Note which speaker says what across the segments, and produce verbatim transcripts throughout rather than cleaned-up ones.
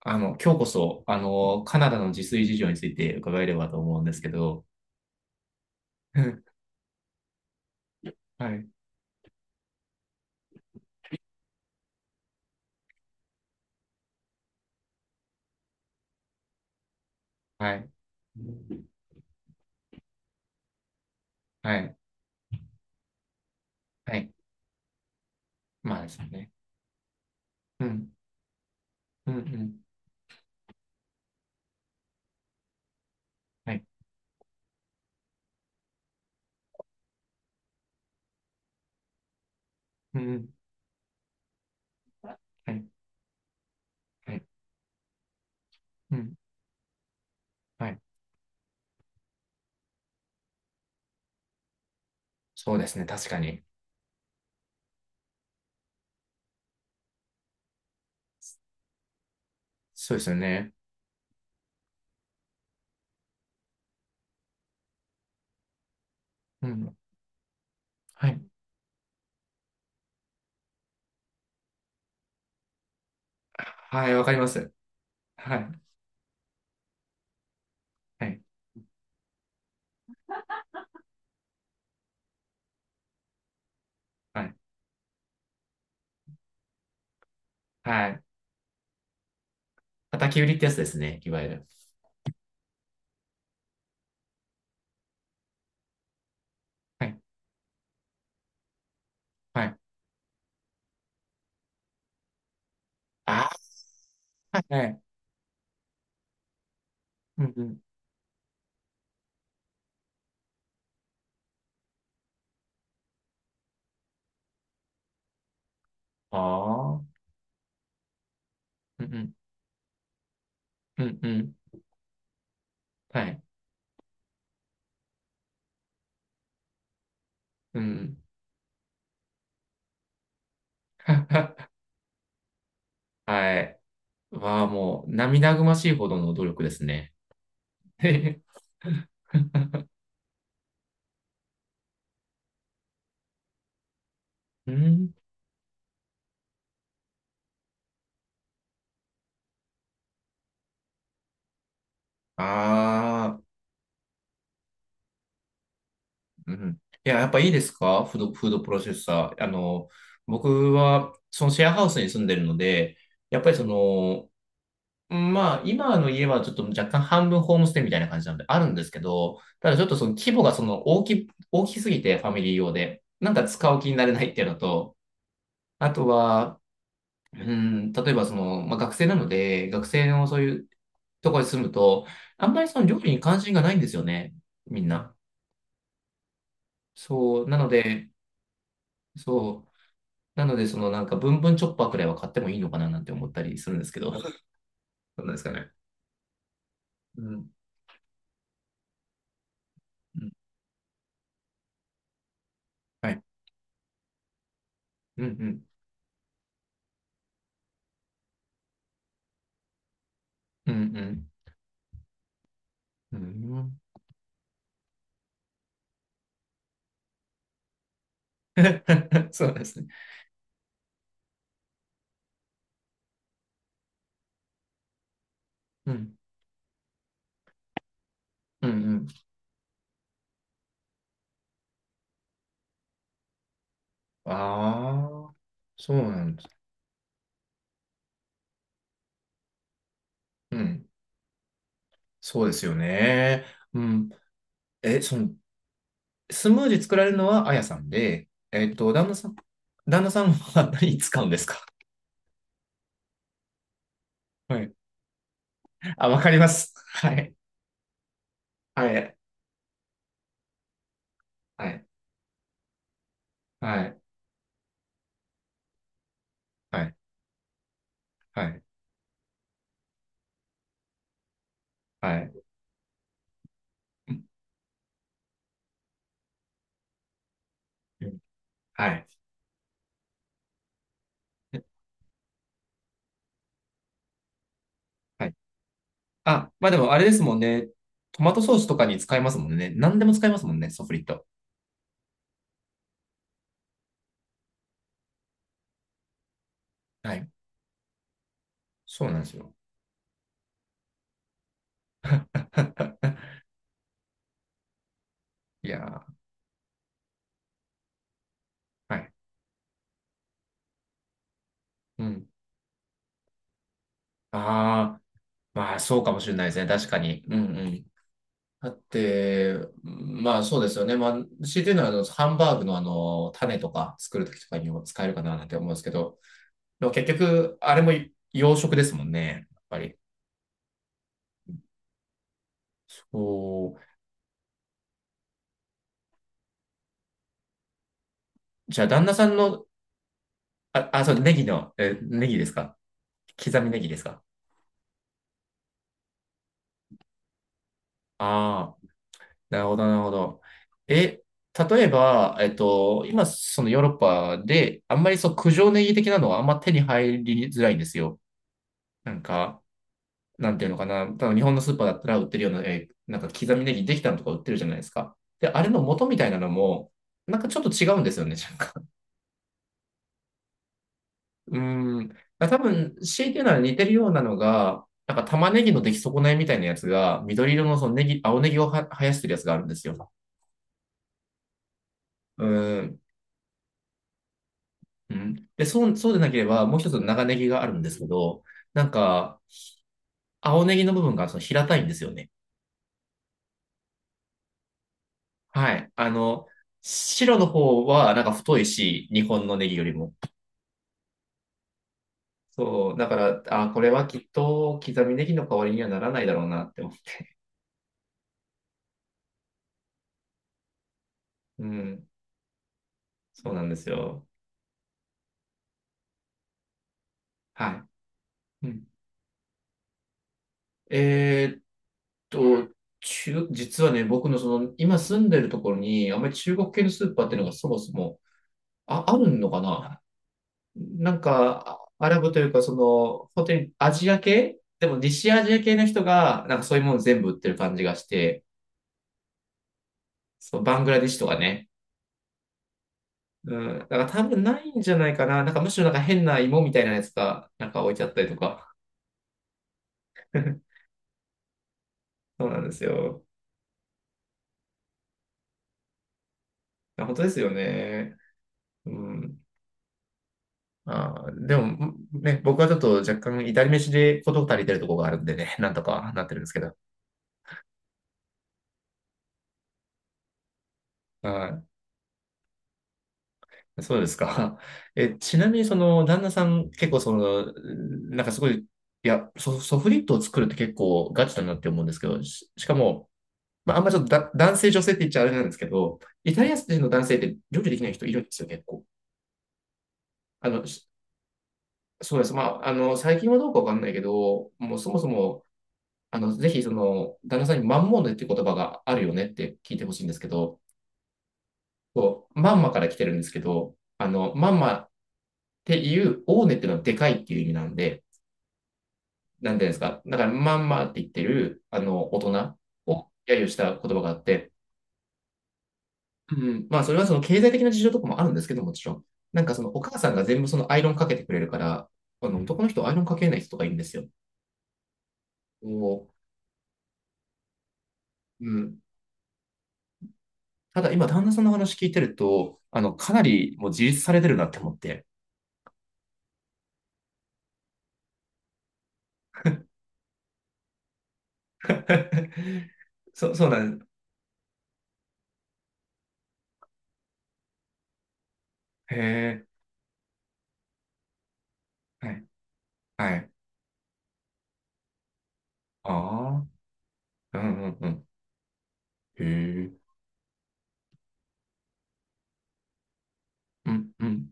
Speaker 1: あの、今日こそ、あの、カナダの自炊事情について伺えればと思うんですけど、うん。はい、はい、はい、はい。まあですね。うん、うん、うん。はい、うん。はい、はい、うん、はい。そうですね、確かに。そうですよね。うん、はい。はい、わかります。はい、はい、はい、はい。叩き売りってやつですね、いわゆる。はい、はい。ああ、はい、うん、うん。ああ、うん、うん、うん、うん、はい、うん。はい。はもう涙ぐましいほどの努力ですね。うん。ああ、うん。いや、やっぱいいですかフード、フードプロセッサー。あの、僕は、そのシェアハウスに住んでるので、やっぱりその、まあ、今の家はちょっと若干半分ホームステイみたいな感じなんで、あるんですけど、ただちょっとその規模がその大き、大きすぎて、ファミリー用で、なんか使う気になれないっていうのと、あとは、うん、例えばその、まあ、学生なので、学生のそういうところに住むと、あんまりその料理に関心がないんですよね、みんな。そう、なので、そう、なので、そのなんか、ブンブンチョッパーくらいは買ってもいいのかななんて思ったりするんですけど、どうなんですかね。うん、うん、はい。うん、うん、うん、うん。うん。 そうですね。うん、うん、うん。ああ、そうなんです。うん、そうですよね。うん。え、その、スムージー作られるのはあやさんで、えっと、旦那さん、旦那さんは何使うんですか？はい。あ、わかります。はい。はい。はい。はい。はい。はい。はい。うん、はい。はい。あ、まあでもあれですもんね。トマトソースとかに使えますもんね。何でも使えますもんね、ソフリット。はい。そうなんですよ。いやー、はい。うん。ああ、まあそうかもしれないですね。確かに。うん、うん。だって、まあそうですよね。まあ、強いて言うのは、あの、ハンバーグのあの、種とか作るときとかにも使えるかななんて思うんですけど、でも結局、あれも洋食ですもんね。やっぱり。そう。じゃあ、旦那さんの、あ、あ、そう、ネギの、え、ネギですか？刻みネギですか？ああー、なるほど、なるほど。え、例えば、えっと、今、そのヨーロッパで、あんまりそう、九条ネギ的なのはあんま手に入りづらいんですよ。なんか、なんていうのかな、多分日本のスーパーだったら売ってるような、えーなんか刻みネギできたのとか売ってるじゃないですか。で、あれの元みたいなのも、なんかちょっと違うんですよね、なんか。うーん。だから多分、強いて言うなら似てるようなのが、なんか玉ねぎの出来損ないみたいなやつが、緑色のそのネギ、青ネギをは生やしてるやつがあるんですよ。うーん。うん。で、そう、そうでなければ、もう一つの長ネギがあるんですけど、なんか、青ネギの部分がその平たいんですよね。はい。あの、白の方はなんか太いし、日本のネギよりも。そう、だから、あ、これはきっと刻みネギの代わりにはならないだろうなって思う。うん、そうなんですよ。はい。うん、えーっと、中、実はね、僕のその、今住んでるところに、あんまり中国系のスーパーっていうのがそもそも、あ、あるのかな？なんか、アラブというか、その、本当にアジア系でも西アジア系の人が、なんかそういうもの全部売ってる感じがして、そう、バングラディッシュとかね、うん。だから多分ないんじゃないかな。なんかむしろなんか変な芋みたいなやつがなんか置いちゃったりとか。そうなんですよ。あ本当ですよね。うん。あー、でもね、僕はちょっと若干至り飯で事足りてるところがあるんでね、なんとかなってるんですけど。はい。そうですか。え、ちなみにその旦那さん結構その、なんかすごい、いや、ソ、ソフリットを作るって結構ガチだなって思うんですけど、し、しかも、まあ、あんまちょっとだ男性、女性って言っちゃあれなんですけど、イタリア人の男性って料理できない人いるんですよ、結構。あの、しそうです。まあ、あの、最近はどうかわかんないけど、もうそもそも、あの、ぜひその、旦那さんにマンモーネっていう言葉があるよねって聞いてほしいんですけど、こう、マンマから来てるんですけど、あの、マンマっていう、オーネっていうのはでかいっていう意味なんで、なんていうんですか。だから、マンマって言ってる、あの、大人を揶揄した言葉があって、うん、まあ、それはその経済的な事情とかもあるんですけど、もちろん。なんかそのお母さんが全部そのアイロンかけてくれるから、あの男の人アイロンかけない人とかいるんですよ。おうん、ただ今、旦那さんの話聞いてると、あの、かなりもう自立されてるなって思って。そ、そうなんです。へえ、はい、はい。ああ、うん、うん、うん。へえ、うん、うん。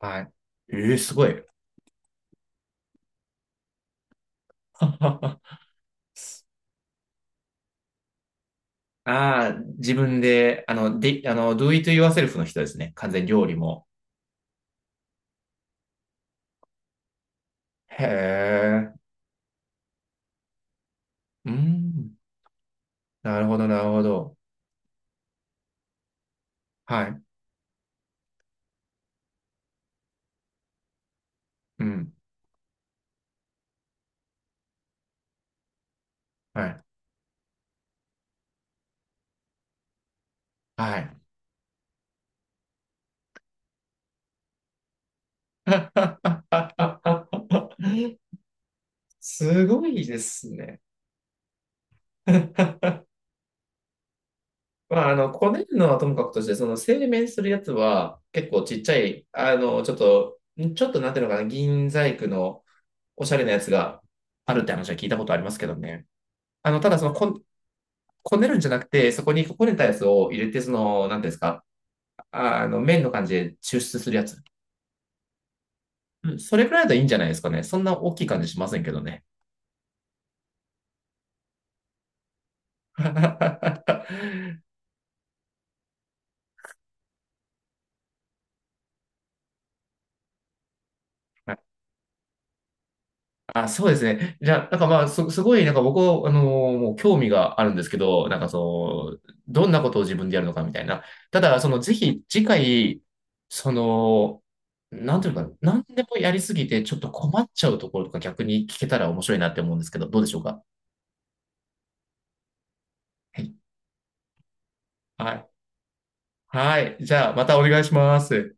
Speaker 1: はい。ええ、すごい。ああ、自分で、あの、で、あの、ドゥーイットユアセルフ の人ですね。完全に料理も。へえ。うん。なるほど、なるほど。はい。うん。はい。はい。すごいですね。まあ、あの、こねるのはともかくとして、その製麺するやつは結構ちっちゃい、あの、ちょっと、ちょっとなんていうのかな、銀細工のおしゃれなやつがあるって話は聞いたことありますけどね。あの、ただそのこ、こねるんじゃなくて、そこにこねたやつを入れて、その、なんていうんですか、ああの、麺の感じで抽出するやつ。うんそれくらいだといいんじゃないですかね。そんな大きい感じしませんけどね。あ、そうですね。じゃあ、なんかまあ、す、すごい、なんか僕は、あのーもう興味があるんですけど、なんかその、どんなことを自分でやるのかみたいな。ただ、その、ぜひ、次回、その、なんていうのかな、なんでもやりすぎて、ちょっと困っちゃうところとか逆に聞けたら面白いなって思うんですけど、どうでしょうか。はい。はい。はい。じゃあ、またお願いします。